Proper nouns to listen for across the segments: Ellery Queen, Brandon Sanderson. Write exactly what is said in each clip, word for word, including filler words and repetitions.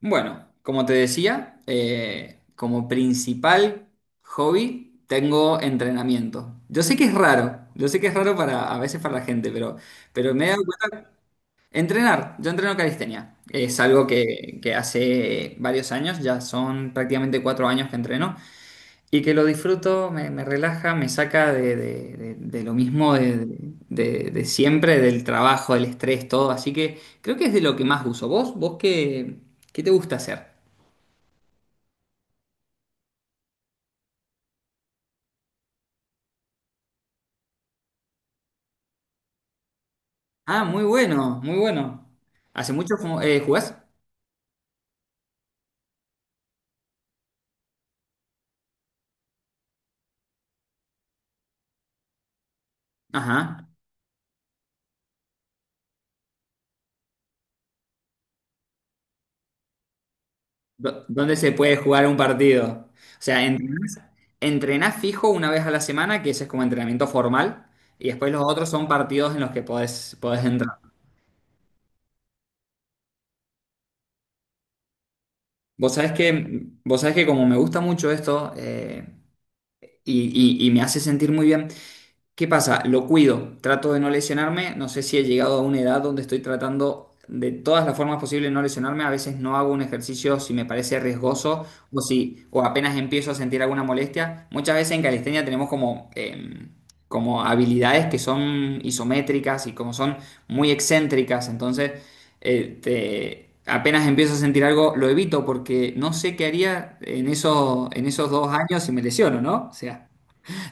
Bueno, como te decía, eh, como principal hobby tengo entrenamiento. Yo sé que es raro, yo sé que es raro para a veces para la gente, pero, pero me he dado cuenta. Entrenar, yo entreno calistenia. Es algo que, que hace varios años, ya son prácticamente cuatro años que entreno y que lo disfruto, me, me relaja, me saca de, de- de- de lo mismo de, de- de siempre, del trabajo, del estrés, todo. Así que creo que es de lo que más uso. ¿Vos, vos qué, qué te gusta hacer? Ah, muy bueno, muy bueno. ¿Hace mucho fu- eh, jugás? Ajá. Do- ¿Dónde se puede jugar un partido? O sea, entrenás, entrenás fijo una vez a la semana, que ese es como entrenamiento formal, y después los otros son partidos en los que podés, podés entrar. Vos sabés que, vos sabés que como me gusta mucho esto, eh, y, y- y me hace sentir muy bien. ¿Qué pasa? Lo cuido, trato de no lesionarme, no sé si he llegado a una edad donde estoy tratando de todas las formas posibles no lesionarme, a veces no hago un ejercicio si me parece riesgoso o si o apenas empiezo a sentir alguna molestia. Muchas veces en calistenia tenemos como, em, como habilidades que son isométricas y como son muy excéntricas, entonces eh, te- apenas empiezo a sentir algo lo evito porque no sé qué haría en esos, en esos dos años si me lesiono, ¿no? O sea.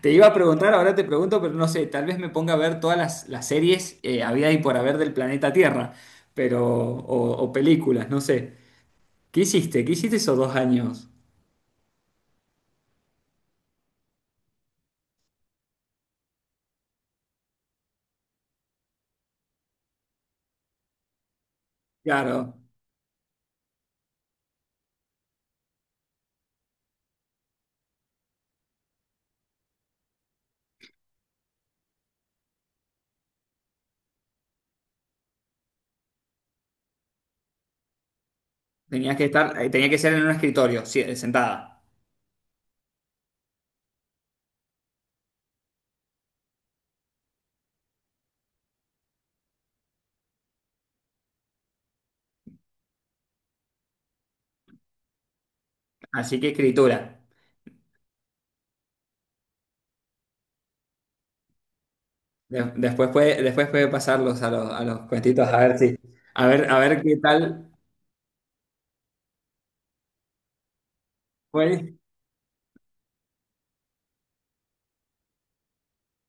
Te iba a preguntar, ahora te pregunto, pero no sé, tal vez me ponga a ver todas las, las series eh, había y por haber del planeta Tierra, pero, o, o películas, no sé. ¿Qué hiciste? ¿Qué hiciste esos dos años? Claro, tenías que estar, eh, tenía que ser en un escritorio, sí, eh, sentada. Así que escritura. De- después puede, después puede pasarlos a los, a los cuentitos a ver si, a ver, a ver qué tal fue.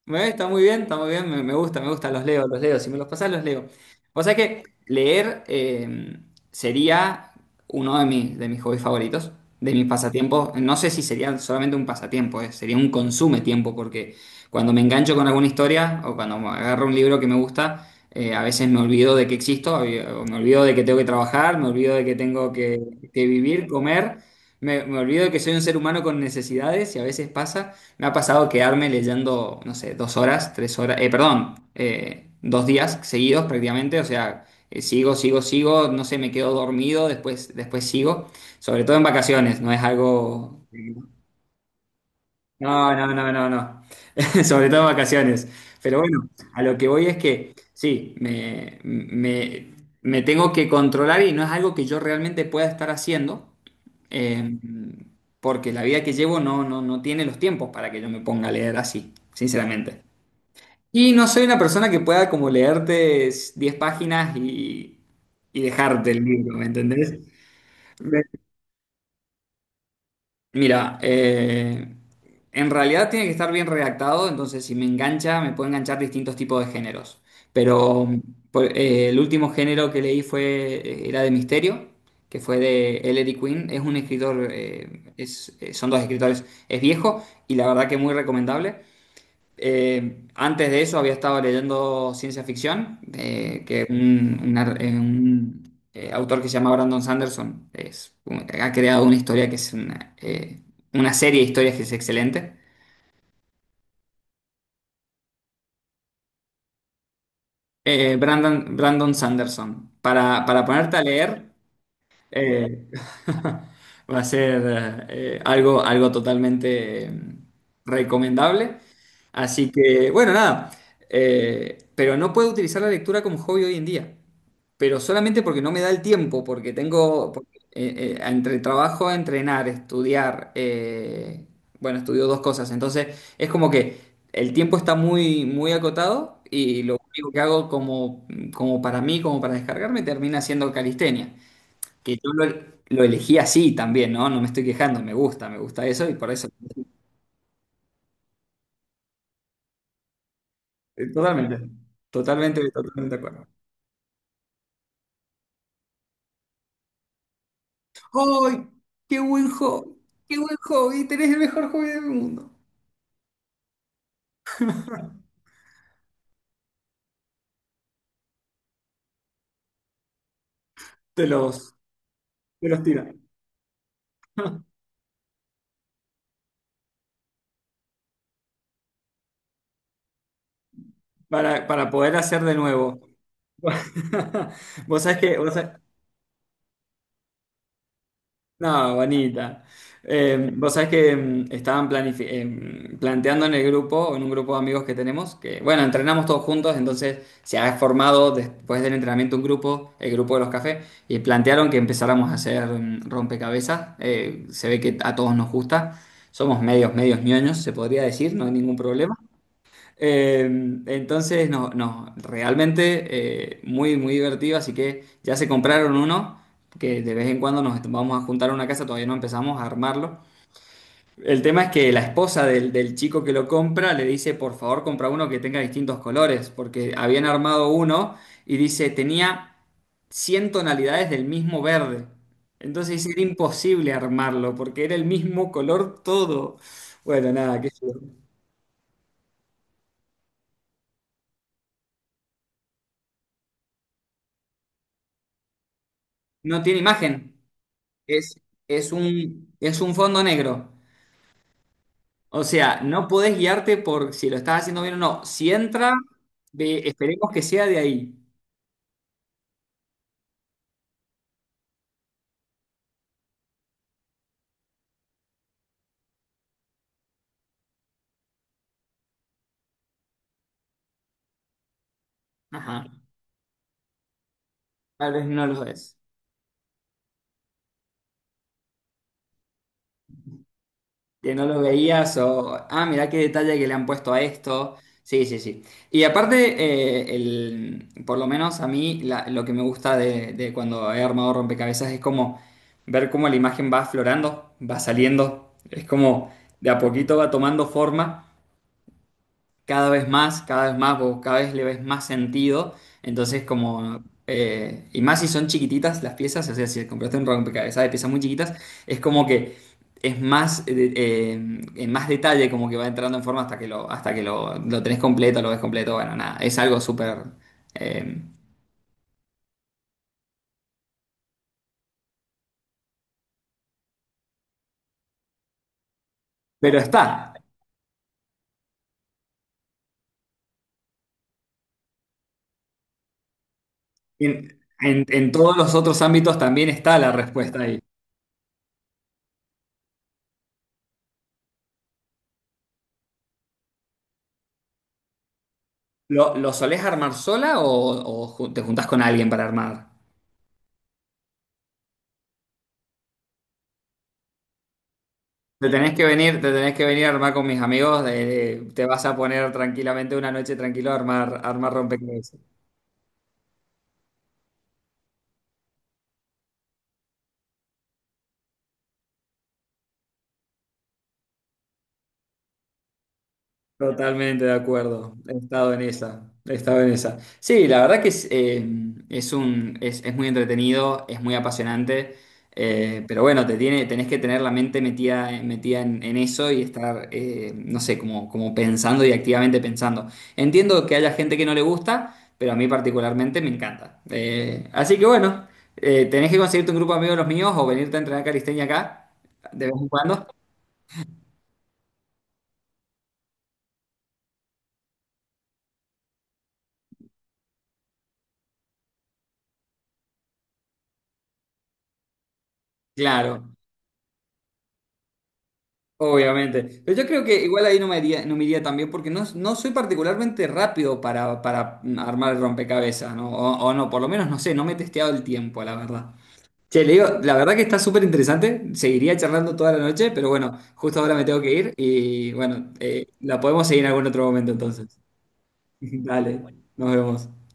Eh, Está muy bien, está muy bien, me, me gusta, me gusta, los leo, los leo, si me los pasás los leo. O sea que leer, eh, sería uno de mis, de mis hobbies favoritos, de mis pasatiempos. No sé si sería solamente un pasatiempo, eh, sería un consume tiempo, porque cuando me engancho con alguna historia o cuando me agarro un libro que me gusta, eh, a veces me olvido de que existo, o me olvido de que tengo que trabajar, me olvido de que tengo que, que vivir, comer, me, me olvido de que soy un ser humano con necesidades y a veces pasa. Me ha pasado quedarme leyendo, no sé, dos horas, tres horas, eh, perdón, eh, dos días seguidos prácticamente, o sea, eh, sigo, sigo, sigo, no sé, me quedo dormido, después, después sigo, sobre todo en vacaciones, no es algo. No, no, no, no, no, sobre todo en vacaciones. Pero bueno, a lo que voy es que sí, me, me, me tengo que controlar y no es algo que yo realmente pueda estar haciendo, eh, porque la vida que llevo no, no, no tiene los tiempos para que yo me ponga a leer así, sinceramente. Y no soy una persona que pueda como leerte diez páginas y, y dejarte el libro, ¿me entendés? Me- Mira, eh, en realidad tiene que estar bien redactado, entonces si me engancha, me puede enganchar distintos tipos de géneros. Pero por- eh, el último género que leí fue, eh, era de misterio, que fue de Ellery Queen. Es un escritor, eh, es- eh, son dos escritores, es viejo y la verdad que muy recomendable. Eh, antes de eso había estado leyendo ciencia ficción, eh, que un, un ar- eh, un, eh, autor que se llama Brandon Sanderson es un- ha creado una historia que es una, eh, una serie de historias que es excelente. Eh, Brandon, Brandon Sanderson, para, para ponerte a leer, Eh, va a ser eh, algo, algo totalmente eh, recomendable. Así que, bueno, nada. Eh, pero no puedo utilizar la lectura como hobby hoy en día. Pero solamente porque no me da el tiempo, porque tengo, porque, eh, eh, entre el trabajo, entrenar, estudiar, eh, bueno, estudio dos cosas. Entonces, es como que el tiempo está muy, muy acotado y lo único que hago como, como para mí, como para descargarme, termina siendo calistenia. Que yo lo, lo elegí así también, ¿no? No me estoy quejando, me gusta, me gusta eso y por eso. Totalmente, totalmente, totalmente de acuerdo. ¡Ay! ¡Qué buen hobby! ¡Qué buen hobby! Tenés el mejor hobby del mundo. Te los, te los tiran. Para, para poder hacer de nuevo. Vos sabés que, vos sabés- No, bonita. Eh, vos sabés que mm, estaban planifi- em, planteando en el grupo, en un grupo de amigos que tenemos, que bueno, entrenamos todos juntos, entonces se ha formado después del entrenamiento un grupo, el grupo de los cafés, y plantearon que empezáramos a hacer mm, rompecabezas. Eh, se ve que a todos nos gusta, somos medios, medios ñoños, se podría decir, no hay ningún problema. Eh, entonces, no, no, realmente eh, muy, muy divertido. Así que ya se compraron uno, que de vez en cuando nos vamos a juntar a una casa, todavía no empezamos a armarlo. El tema es que la esposa del, del chico que lo compra le dice, por favor, compra uno que tenga distintos colores, porque habían armado uno y dice, tenía cien tonalidades del mismo verde. Entonces era imposible armarlo, porque era el mismo color todo. Bueno, nada, qué sé yo. No tiene imagen. Es, es un, es un fondo negro. O sea, no podés guiarte por si lo estás haciendo bien o no. Si entra, ve- esperemos que sea de ahí. Ajá. Tal vez no lo es. Que no lo veías o, ah, mirá qué detalle que le han puesto a esto. Sí, sí, sí. Y aparte, eh, el, por lo menos a mí, la- lo que me gusta de, de cuando he armado rompecabezas es como ver cómo la imagen va aflorando, va saliendo. Es como de a poquito va tomando forma. Cada vez más, cada vez más, vos cada vez le ves más sentido. Entonces, como. Eh, y más si son chiquititas las piezas, o sea, si compraste un rompecabezas de piezas muy chiquitas, es como que es más, eh, eh, en más detalle, como que va entrando en forma hasta que lo, hasta que lo, lo tenés completo, lo ves completo. Bueno, nada, es algo súper. eh, pero está. En, en- en todos los otros ámbitos también está la respuesta ahí. ¿Lo, lo solés armar sola o, o ju- te juntás con alguien para armar? Te tenés que venir, te tenés que venir a armar con mis amigos, eh, te vas a poner tranquilamente una noche tranquilo a armar, a armar, rompecabezas. Totalmente de acuerdo, he estado en esa, he estado en esa. Sí, la verdad que es, eh, es un, es, es muy entretenido, es muy apasionante, eh, pero bueno, te tiene, tenés que tener la mente metida, metida en, en eso y estar, eh, no sé, como, como pensando y activamente pensando. Entiendo que haya gente que no le gusta, pero a mí particularmente me encanta. Eh, así que bueno, eh, tenés que conseguirte un grupo de amigos de los míos o venirte a entrenar calistenia acá, de vez en cuando. Claro. Obviamente. Pero yo creo que igual ahí no me iría, no me iría tan bien porque no, no soy particularmente rápido para, para armar el rompecabezas, ¿no? O, o no, por lo menos no sé, no me he testeado el tiempo, la verdad. Che, le digo, la verdad que está súper interesante, seguiría charlando toda la noche, pero bueno, justo ahora me tengo que ir y bueno, eh, la podemos seguir en algún otro momento entonces. Dale, nos vemos.